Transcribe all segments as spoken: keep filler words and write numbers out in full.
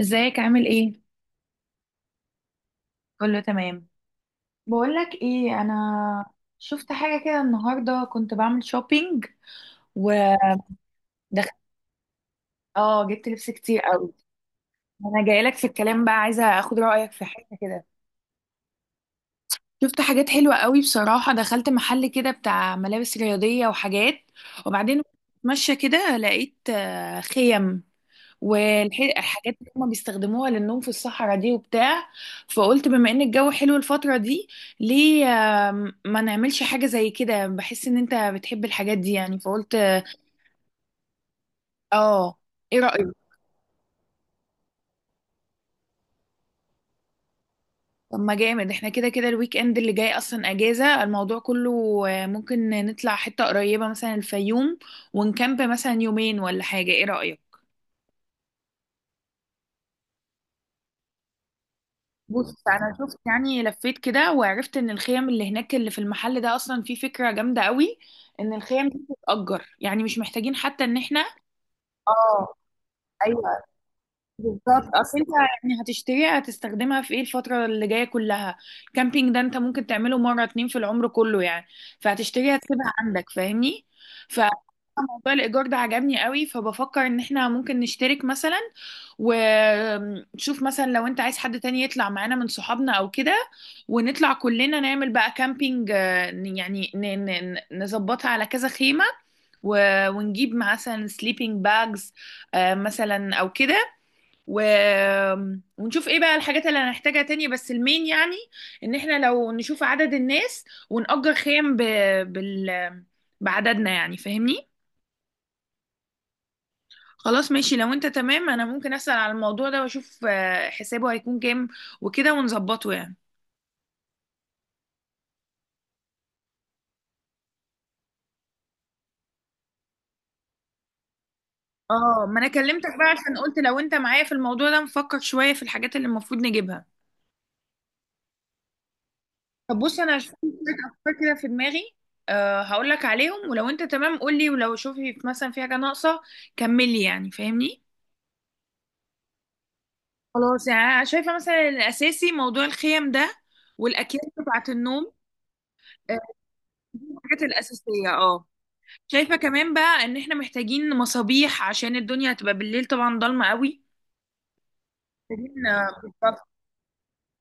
ازيك، عامل ايه؟ كله تمام. بقولك ايه، انا شفت حاجه كده النهارده، كنت بعمل شوبينج ودخلت. اه، جبت لبس كتير قوي. انا جايلك في الكلام بقى، عايزه اخد رايك في حاجه كده. شفت حاجات حلوه قوي بصراحه، دخلت محل كده بتاع ملابس رياضيه وحاجات، وبعدين ماشيه كده لقيت آه، خيم، والحاجات اللي هما بيستخدموها للنوم في الصحراء دي وبتاع. فقلت بما ان الجو حلو الفترة دي، ليه آم، ما نعملش حاجة زي كده؟ بحس ان انت بتحب الحاجات دي يعني، فقلت. اه، ايه رأيك؟ طب ما جامد، احنا كده كده الويك اند اللي جاي اصلا اجازة الموضوع كله، آه، ممكن نطلع حتة قريبة مثلا الفيوم، ونكامب مثلا يومين ولا حاجة. ايه رأيك؟ بص، انا شفت يعني لفيت كده، وعرفت ان الخيم اللي هناك اللي في المحل ده، اصلا في فكره جامده قوي، ان الخيم دي بتتأجر، يعني مش محتاجين حتى ان احنا. اه، ايوه. بالظبط، اصل انت يعني هتشتريها، هتستخدمها في ايه الفتره اللي جايه كلها؟ كامبينج ده انت ممكن تعمله مره اتنين في العمر كله يعني، فهتشتريها تسيبها عندك، فاهمني. ف موضوع الايجار ده عجبني قوي، فبفكر ان احنا ممكن نشترك مثلا، ونشوف مثلا لو انت عايز حد تاني يطلع معانا من صحابنا او كده، ونطلع كلنا نعمل بقى كامبينج. آه، يعني ن- ن- نظبطها على كذا خيمه، و- ونجيب مثلا سليبنج باجز مثلا او كده، و... ونشوف ايه بقى الحاجات اللي هنحتاجها تاني، بس المين يعني، ان احنا لو نشوف عدد الناس ونأجر خيم ب... بال... بعددنا يعني، فاهمني. خلاص ماشي، لو انت تمام انا ممكن اسأل على الموضوع ده واشوف آه، حسابه هيكون كام وكده، ونظبطه يعني. اه، ما انا كلمتك بقى عشان قلت لو انت معايا في الموضوع ده، نفكر شوية في الحاجات اللي المفروض نجيبها. طب بص، انا شفت شوية افكار كده في دماغي، أه هقول لك عليهم، ولو انت تمام قول لي، ولو شوفي مثلا في حاجة ناقصة كملي يعني، فاهمني. خلاص، يعني انا شايفه مثلا الاساسي موضوع الخيم ده، والاكياس بتاعه النوم. آه، دي الحاجات الاساسيه، اه. شايفه كمان بقى ان احنا محتاجين مصابيح، عشان الدنيا هتبقى بالليل طبعا ضلمه قوي. محتاجين، آه، بالظبط.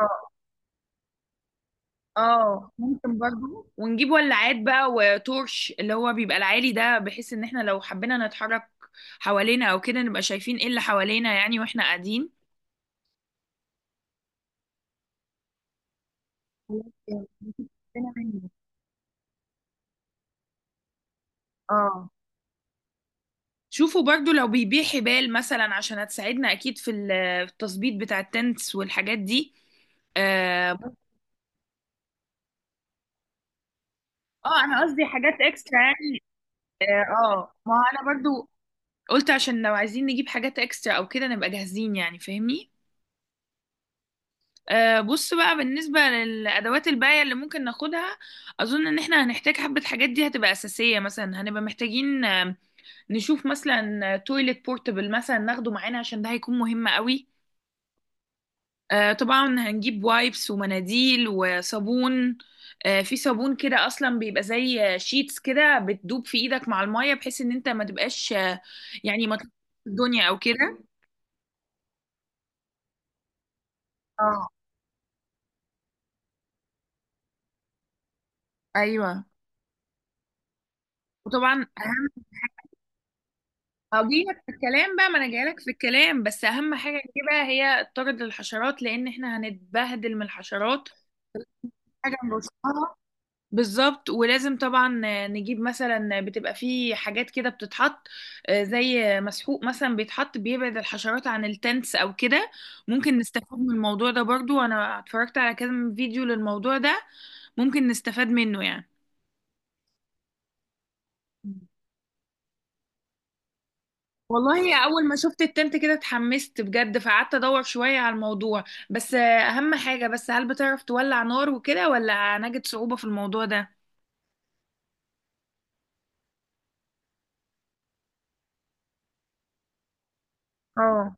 اه، اه، ممكن برضه ونجيب ولاعات بقى وتورش، اللي هو بيبقى العالي ده، بحيث ان احنا لو حبينا نتحرك حوالينا او كده، نبقى شايفين ايه اللي حوالينا يعني واحنا قاعدين. اه، شوفوا برضو لو بيبيع حبال مثلا، عشان هتساعدنا اكيد في ال- في التظبيط بتاع التنس والحاجات دي. اه، ممكن- آه، انا قصدي حاجات اكسترا يعني. اه، آه، ما هو انا برضو قلت عشان لو عايزين نجيب حاجات اكسترا او كده، نبقى جاهزين يعني، فاهمني. آه، بص بقى، بالنسبة للأدوات الباية اللي ممكن ناخدها، أظن إن إحنا هنحتاج حبة حاجات. دي هتبقى أساسية مثلا، هنبقى محتاجين آم، نشوف مثلا تويلت بورتبل مثلا ناخده معانا، عشان ده هيكون مهم قوي. آه، طبعا هنجيب وايبس ومناديل وصابون. آه، في صابون كده اصلا بيبقى زي آه، شيتس كده، بتدوب في ايدك مع المية، بحيث ان انت ما تبقاش آه، يعني ما تطلعش الدنيا او كده. اه، ايوه. وطبعا اهم، هجيلك في الكلام بقى، ما انا جايلك في الكلام، بس اهم حاجه نجيبها هي الطرد للحشرات، لان احنا هنتبهدل من الحشرات. حاجه نرشها، بالظبط. ولازم طبعا نجيب مثلا، بتبقى في حاجات كده بتتحط، آه، زي مسحوق مثلا بيتحط بيبعد الحشرات عن التنس او كده. ممكن نستفاد من الموضوع ده برضو، انا اتفرجت على كذا فيديو للموضوع ده، ممكن نستفاد منه يعني. والله اول ما شفت التنت كده اتحمست بجد، فقعدت ادور شوية على الموضوع، بس آه، اهم حاجة بس، هل بتعرف تولع نار وكده ولا هنجد صعوبة في الموضوع ده؟ اه،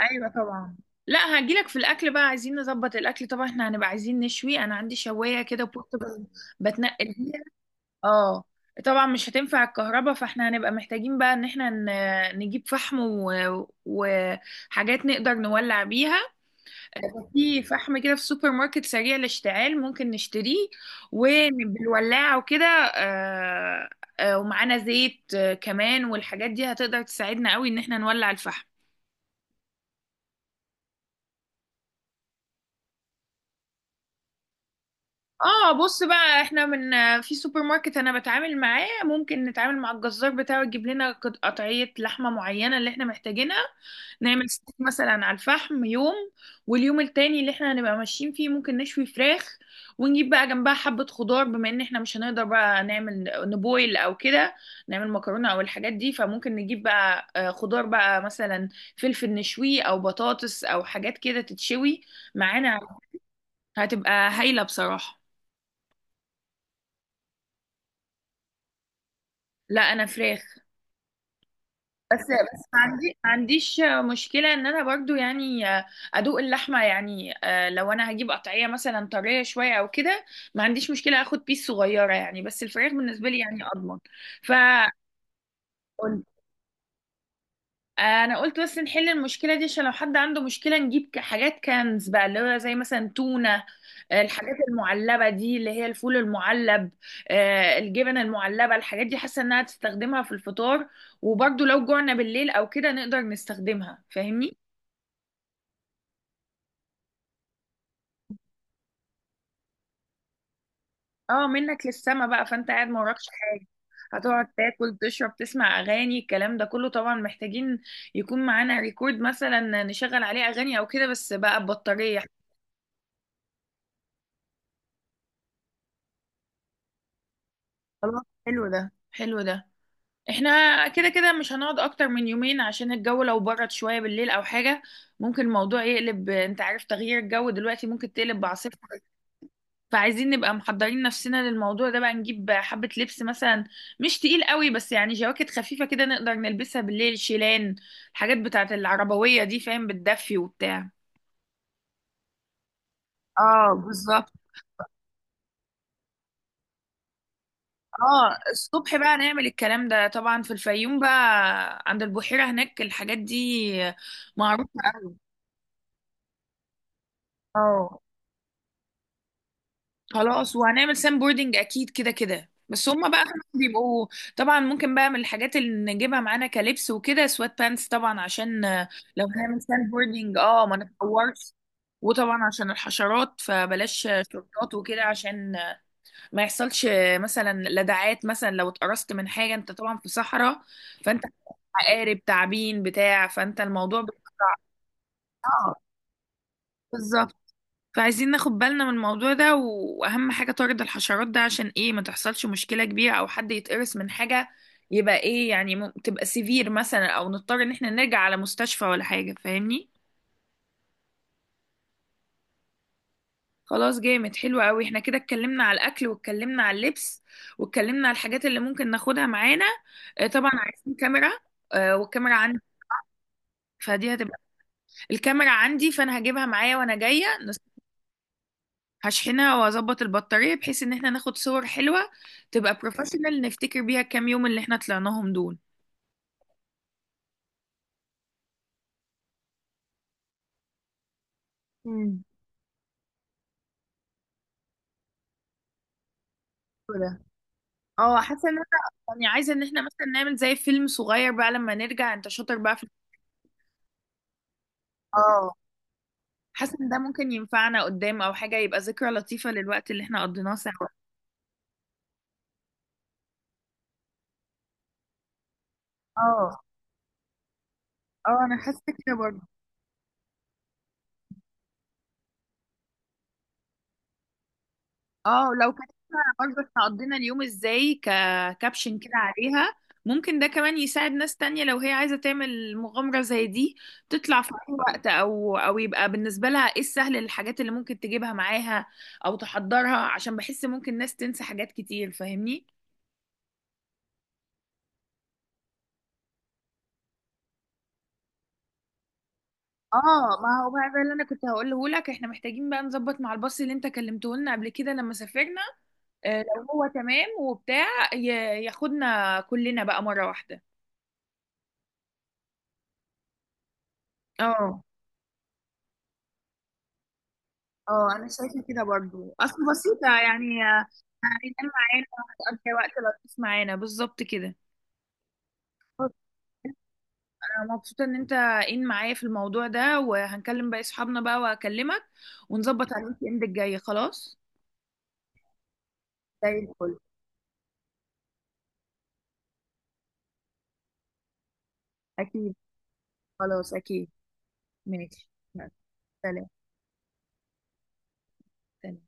ايوه طبعا. لا، هجيلك في الاكل بقى. عايزين نظبط الاكل طبعا، احنا هنبقى عايزين نشوي. انا عندي شوايه كده بورتبل بتنقل بيها. اه، طبعا مش هتنفع الكهرباء، فاحنا هنبقى محتاجين بقى ان احنا ن- نجيب فحم و- وحاجات نقدر نولع بيها. في فحم كده في سوبر ماركت سريع الاشتعال، ممكن نشتريه وبالولاعه وكده. آه، آه، ومعانا زيت آه، كمان، والحاجات دي هتقدر تساعدنا قوي ان احنا نولع الفحم. اه، بص بقى، احنا من في سوبر ماركت انا بتعامل معاه، ممكن نتعامل مع الجزار بتاعه، يجيب لنا قط- قطعية لحمة معينة اللي احنا محتاجينها. نعمل ستيك مثلا على الفحم يوم، واليوم التاني اللي احنا هنبقى ماشيين فيه ممكن نشوي فراخ، ونجيب بقى جنبها حبة خضار، بما ان احنا مش هنقدر بقى نعمل نبويل او كده نعمل مكرونة او الحاجات دي، فممكن نجيب بقى آه، خضار بقى مثلا، فلفل نشويه او بطاطس او حاجات كده تتشوي معانا، هتبقى هايلة بصراحة. لا، انا فراخ. بس بس ما عندي ما عنديش مشكله، ان انا برضو يعني ادوق اللحمه يعني، آه، لو انا هجيب قطعيه مثلا طريه شويه او كده، ما عنديش مشكله اخد بيس صغيره يعني، بس الفراخ بالنسبه لي يعني اضمن. ف انا قلت بس نحل المشكله دي، عشان لو حد عنده مشكله، نجيب ك- حاجات كنز بقى، اللي هو زي مثلا تونه، آه، الحاجات المعلبه دي اللي هي الفول المعلب، آه، الجبن المعلبه. الحاجات دي حاسه انها تستخدمها في الفطار، وبرده لو جوعنا بالليل او كده نقدر نستخدمها، فاهمني. اه، منك للسما بقى، فانت قاعد ما وراكش حاجه، هتقعد تاكل تشرب تسمع اغاني، الكلام ده كله. طبعا محتاجين يكون معانا ريكورد مثلا نشغل عليه اغاني او كده، بس بقى ببطاريه. خلاص، حلو ده، حلو ده. احنا كده كده مش هنقعد اكتر من يومين، عشان الجو لو برد شوية بالليل او حاجة، ممكن الموضوع يقلب. انت عارف تغيير الجو دلوقتي ممكن تقلب بعاصفة، فعايزين نبقى محضرين نفسنا للموضوع ده بقى. نجيب حبة لبس مثلا مش تقيل قوي، بس يعني جواكت خفيفة كده نقدر نلبسها بالليل، شيلان، الحاجات بتاعت العربوية دي، فاهم؟ بتدفي وبتاع. اه، بالظبط. اه، الصبح بقى نعمل الكلام ده طبعا في الفيوم بقى عند البحيرة، هناك الحاجات دي معروفة قوي. اه، خلاص، وهنعمل سام بوردنج اكيد كده كده، بس هما بقى خلاص بيبقوا. طبعا ممكن بقى من الحاجات اللي نجيبها معانا كلبس وكده سوات بانس، طبعا عشان آه، لو هنعمل سام بوردنج اه ما نتطورش. وطبعا عشان الحشرات، فبلاش آه، شورتات وكده، عشان آه، ما يحصلش آه، مثلا لدغات، مثلا لو اتقرصت من حاجة. انت طبعا في صحراء، فانت عقارب تعابين بتاع، فانت الموضوع ب... اه، بالظبط. فعايزين ناخد بالنا من الموضوع ده، و- واهم حاجة طارد الحشرات ده، عشان ايه ما تحصلش مشكلة كبيرة او حد يتقرص من حاجة يبقى ايه يعني، م- تبقى سيفير مثلا، او نضطر ان احنا نرجع على مستشفى ولا حاجة، فاهمني. خلاص، جامد، حلو قوي. احنا كده اتكلمنا على الاكل، واتكلمنا على اللبس، واتكلمنا على الحاجات اللي ممكن ناخدها معانا. آه، طبعا عايزين كاميرا. آه، والكاميرا عندي، فدي هتبقى. الكاميرا عندي، فانا هجيبها معايا وانا جاية. هشحنها واظبط البطارية، بحيث ان احنا ناخد صور حلوة تبقى بروفيشنال، نفتكر بيها الكام يوم اللي احنا طلعناهم دول. مم. كده. اه، حاسة ان انا يعني عايزة ان احنا مثلا نعمل زي فيلم صغير بقى لما نرجع، انت شاطر بقى في الحوار ده. اه، حاسة ان ده ممكن ينفعنا قدام او حاجة، يبقى ذكرى لطيفة للوقت اللي احنا قضيناه سوا. اه، اه، انا حاسه كده برضه. اه، لو برضه احنا قضينا اليوم ازاي ككابشن كده عليها، ممكن ده كمان يساعد ناس تانية لو هي عايزة تعمل مغامرة زي دي، تطلع في أي وقت، أو أو يبقى بالنسبة لها إيه السهل، الحاجات اللي ممكن تجيبها معاها أو تحضرها، عشان بحس ممكن ناس تنسى حاجات كتير، فاهمني؟ اه، ما هو بقى ده اللي انا كنت هقوله لك. احنا محتاجين بقى نظبط مع الباص اللي انت كلمته لنا قبل كده لما سافرنا، آه، لو هو تمام وبتاع، ي- ياخدنا كلنا بقى مرة واحدة. اه، اه، انا شايفه كده برضو، اصل بسيطه يعني، آه، هينام معانا، هتقضي وقت لطيف معانا، بالظبط كده. انا مبسوطه ان انت ان معايا في الموضوع ده، وهنكلم باقي صحابنا بقى، وهكلمك ونظبط على الويك اند الجاي. خلاص، زي الفل. اكيد. خلاص، اكيد، ماشي. يلا، سلام. سلام.